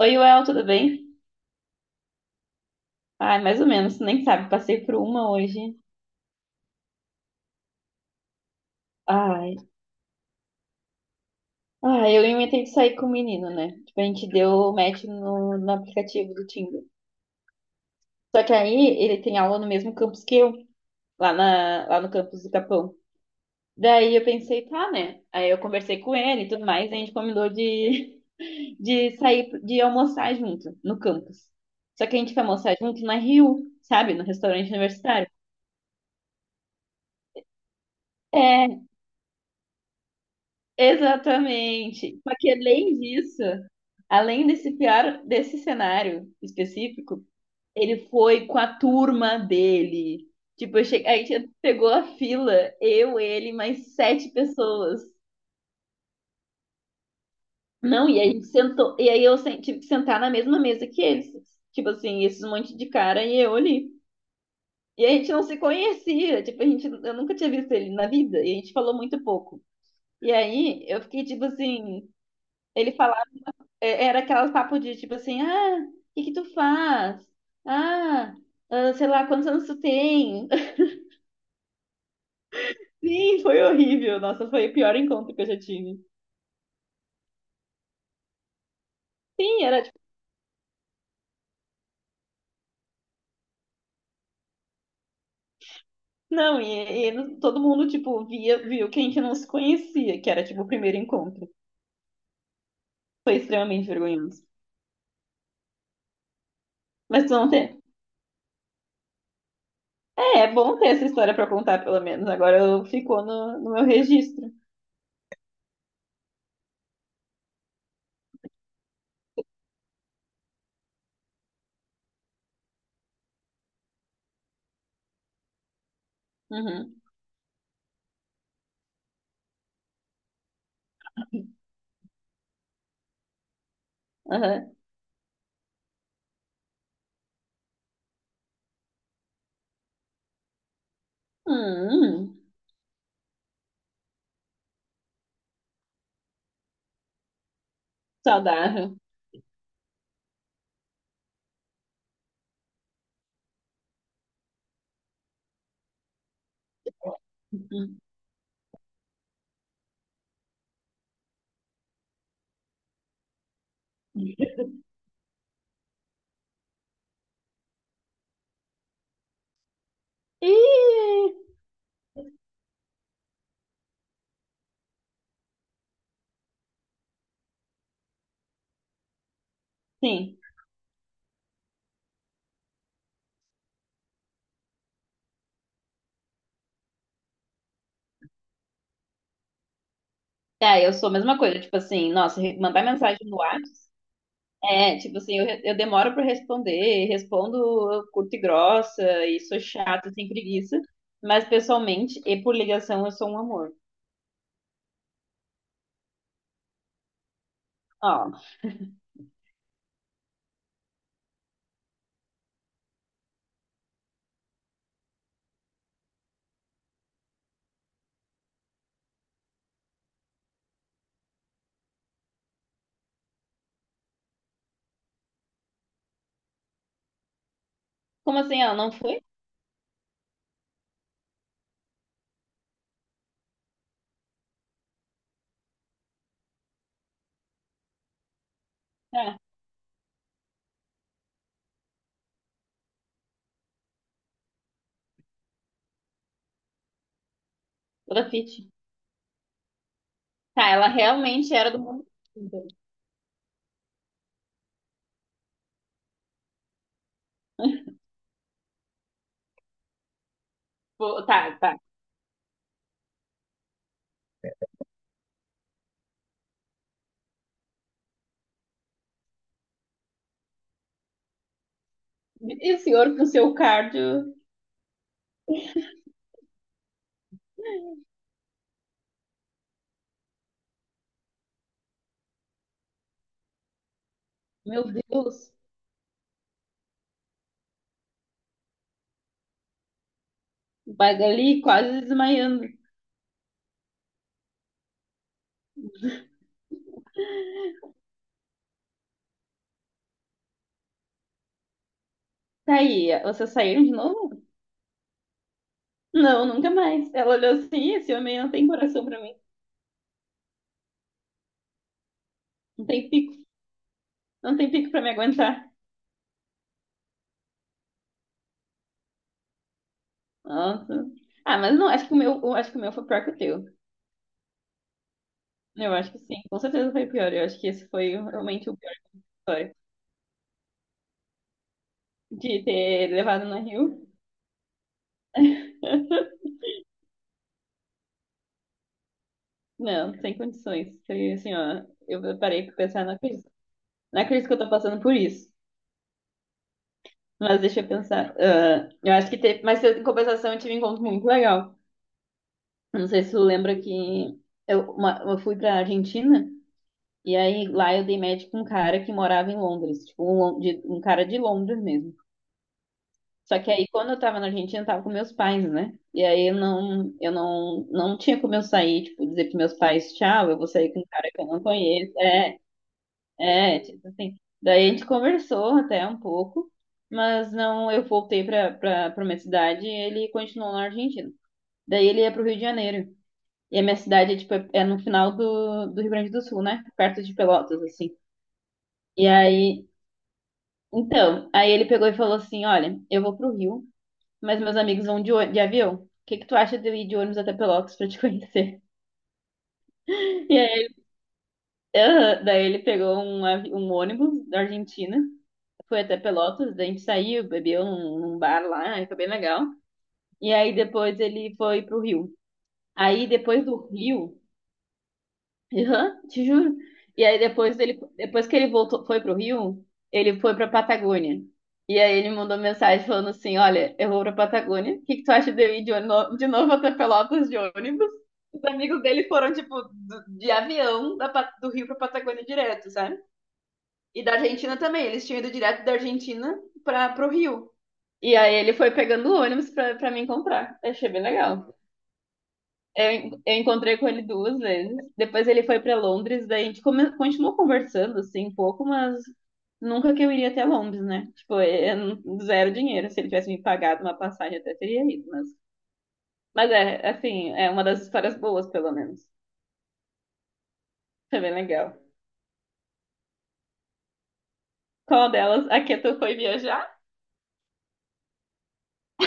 Oi, Well, tudo bem? Ai, mais ou menos, tu nem sabe, passei por uma hoje. Ai, ai, eu inventei de sair com o menino, né? Tipo, a gente deu match no aplicativo do Tinder. Só que aí ele tem aula no mesmo campus que eu, lá, lá no campus do Capão. Daí eu pensei, tá, né? Aí eu conversei com ele e tudo mais, e a gente combinou de, de sair, de almoçar junto no campus. Só que a gente foi almoçar junto na Rio, sabe? No restaurante universitário. É, exatamente. Só que além disso, além desse pior, desse cenário específico, ele foi com a turma dele. Tipo, a gente pegou a fila, eu, ele, mais sete pessoas. Não, e aí a gente sentou, e aí tive que sentar na mesma mesa que eles. Tipo assim, esses monte de cara e eu ali. E a gente não se conhecia, tipo, eu nunca tinha visto ele na vida, e a gente falou muito pouco. E aí eu fiquei tipo assim, ele falava era aquelas papo de tipo assim, ah, o que que tu faz? Ah, ah, sei lá, quantos anos tu tem? Sim, foi horrível. Nossa, foi o pior encontro que eu já tive. Sim, era tipo, não, e todo mundo, tipo, viu que a gente não se conhecia, que era tipo o primeiro encontro. Foi extremamente vergonhoso. Mas tu não tem. É bom ter essa história pra contar, pelo menos. Agora ficou no meu registro. Uhum, aham. Hum, hum, saudável. Uhum. Ih, sim. É, eu sou a mesma coisa, tipo assim, nossa, mandar mensagem no WhatsApp, é, tipo assim, eu demoro pra responder, respondo curta e grossa, e sou chata, sem preguiça, mas pessoalmente e por ligação eu sou um amor. Ó, como assim, ela não foi? Tá, toda fit. Tá, ela realmente era do mundo. Então, pô, tá, tá. E o senhor com seu cardio, meu Deus, Bagali quase desmaiando. Tá aí, vocês saíram de novo? Não, nunca mais. Ela olhou assim, esse homem não tem coração pra mim. Não tem pico. Não tem pico pra me aguentar. Nossa. Ah, mas não, acho que o meu, eu acho que o meu foi pior que o teu. Eu acho que sim, com certeza foi pior. Eu acho que esse foi realmente o pior história de ter levado na Rio. Não, sem condições. Foi assim, ó. Eu parei pra pensar na crise. Na crise que eu tô passando por isso. Mas deixa eu pensar. Ah, eu acho que teve. Mas em compensação, eu tive um encontro muito legal. Eu não sei se tu lembra que eu fui pra Argentina. E aí lá eu dei match com um cara que morava em Londres, tipo um cara de Londres mesmo. Só que aí quando eu tava na Argentina, eu tava com meus pais, né? E aí eu não, não tinha como eu sair, tipo, dizer pros meus pais, tchau, eu vou sair com um cara que eu não conheço. É, tipo assim. Daí a gente conversou até um pouco, mas não, eu voltei pra, pra minha cidade e ele continuou na Argentina. Daí ele ia pro Rio de Janeiro. E a minha cidade é, tipo, é no final do Rio Grande do Sul, né? Perto de Pelotas, assim. E aí, então, aí ele pegou e falou assim: Olha, eu vou pro Rio, mas meus amigos vão de avião. O que que tu acha de eu ir de ônibus até Pelotas pra te conhecer? E aí, aham, daí ele pegou um ônibus da Argentina, foi até Pelotas, daí a gente saiu, bebeu num bar lá, aí foi bem legal. E aí depois ele foi pro Rio. Aí depois do Rio. Aham, te juro. E aí depois depois que ele voltou, foi pro Rio, ele foi pra Patagônia. E aí ele mandou mensagem falando assim, olha, eu vou pra Patagônia, o que que tu acha de eu ir de novo até Pelotas de ônibus? Os amigos dele foram, tipo, de avião do Rio pra Patagônia direto, sabe? E da Argentina também, eles tinham ido direto da Argentina pro Rio. E aí ele foi pegando o ônibus pra, me encontrar. Achei bem legal. Eu encontrei com ele duas vezes. Depois ele foi para Londres, daí a gente continuou conversando assim um pouco, mas nunca que eu iria até Londres, né? Tipo, é zero dinheiro. Se ele tivesse me pagado uma passagem, eu até teria ido, mas é, assim, é uma das histórias boas, pelo menos. Foi bem legal. Qual delas? A que tu foi viajar?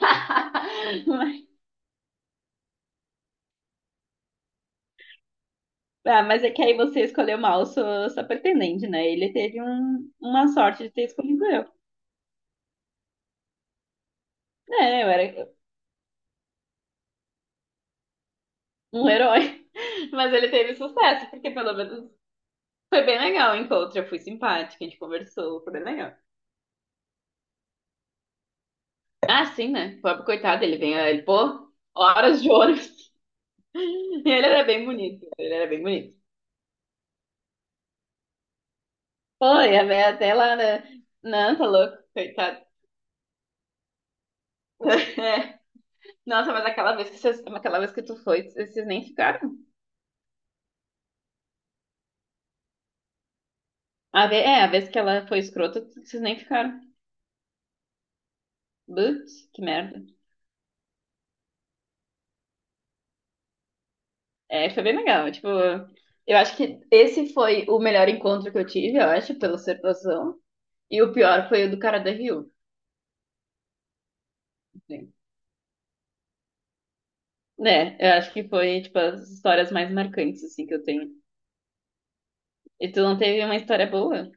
Mas- Ah, mas é que aí você escolheu mal sua pretendente, né? Ele teve uma sorte de ter escolhido eu. É, eu era, um herói. Mas ele teve sucesso, porque pelo menos foi bem legal o encontro. Eu fui simpática, a gente conversou, foi bem legal. Ah, sim, né? O pobre coitado, ele vem, ele, pô, horas de ônibus. E ele era bem bonito, ele era bem bonito. Foi, a minha até lá, né? Não, tá louco, coitado. É. Nossa, aquela vez que tu foi, vocês nem ficaram. A vez que ela foi escrota, vocês nem ficaram. Putz, que merda. É, foi bem legal. Tipo, eu acho que esse foi o melhor encontro que eu tive, eu acho, pela observação. E o pior foi o do cara da Rio. Assim. Né, eu acho que foi, tipo, as histórias mais marcantes, assim, que eu tenho. E tu não teve uma história boa?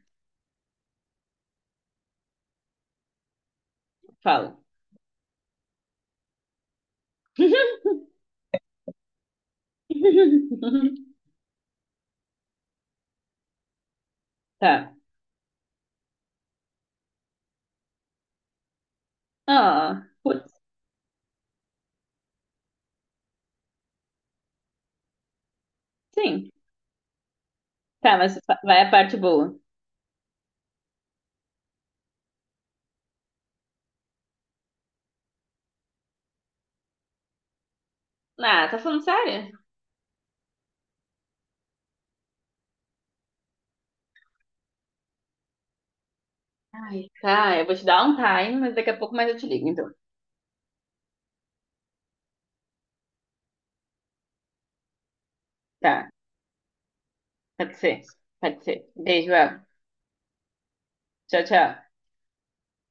Fala. Tá. Ah, putz, sim. Tá, mas vai a parte boa. Ah, tá falando sério? Ai, tá, eu vou te dar um time, mas daqui a pouco mais eu te ligo, então. Tá, pode ser. Pode ser. Beijo, El. Tchau, tchau.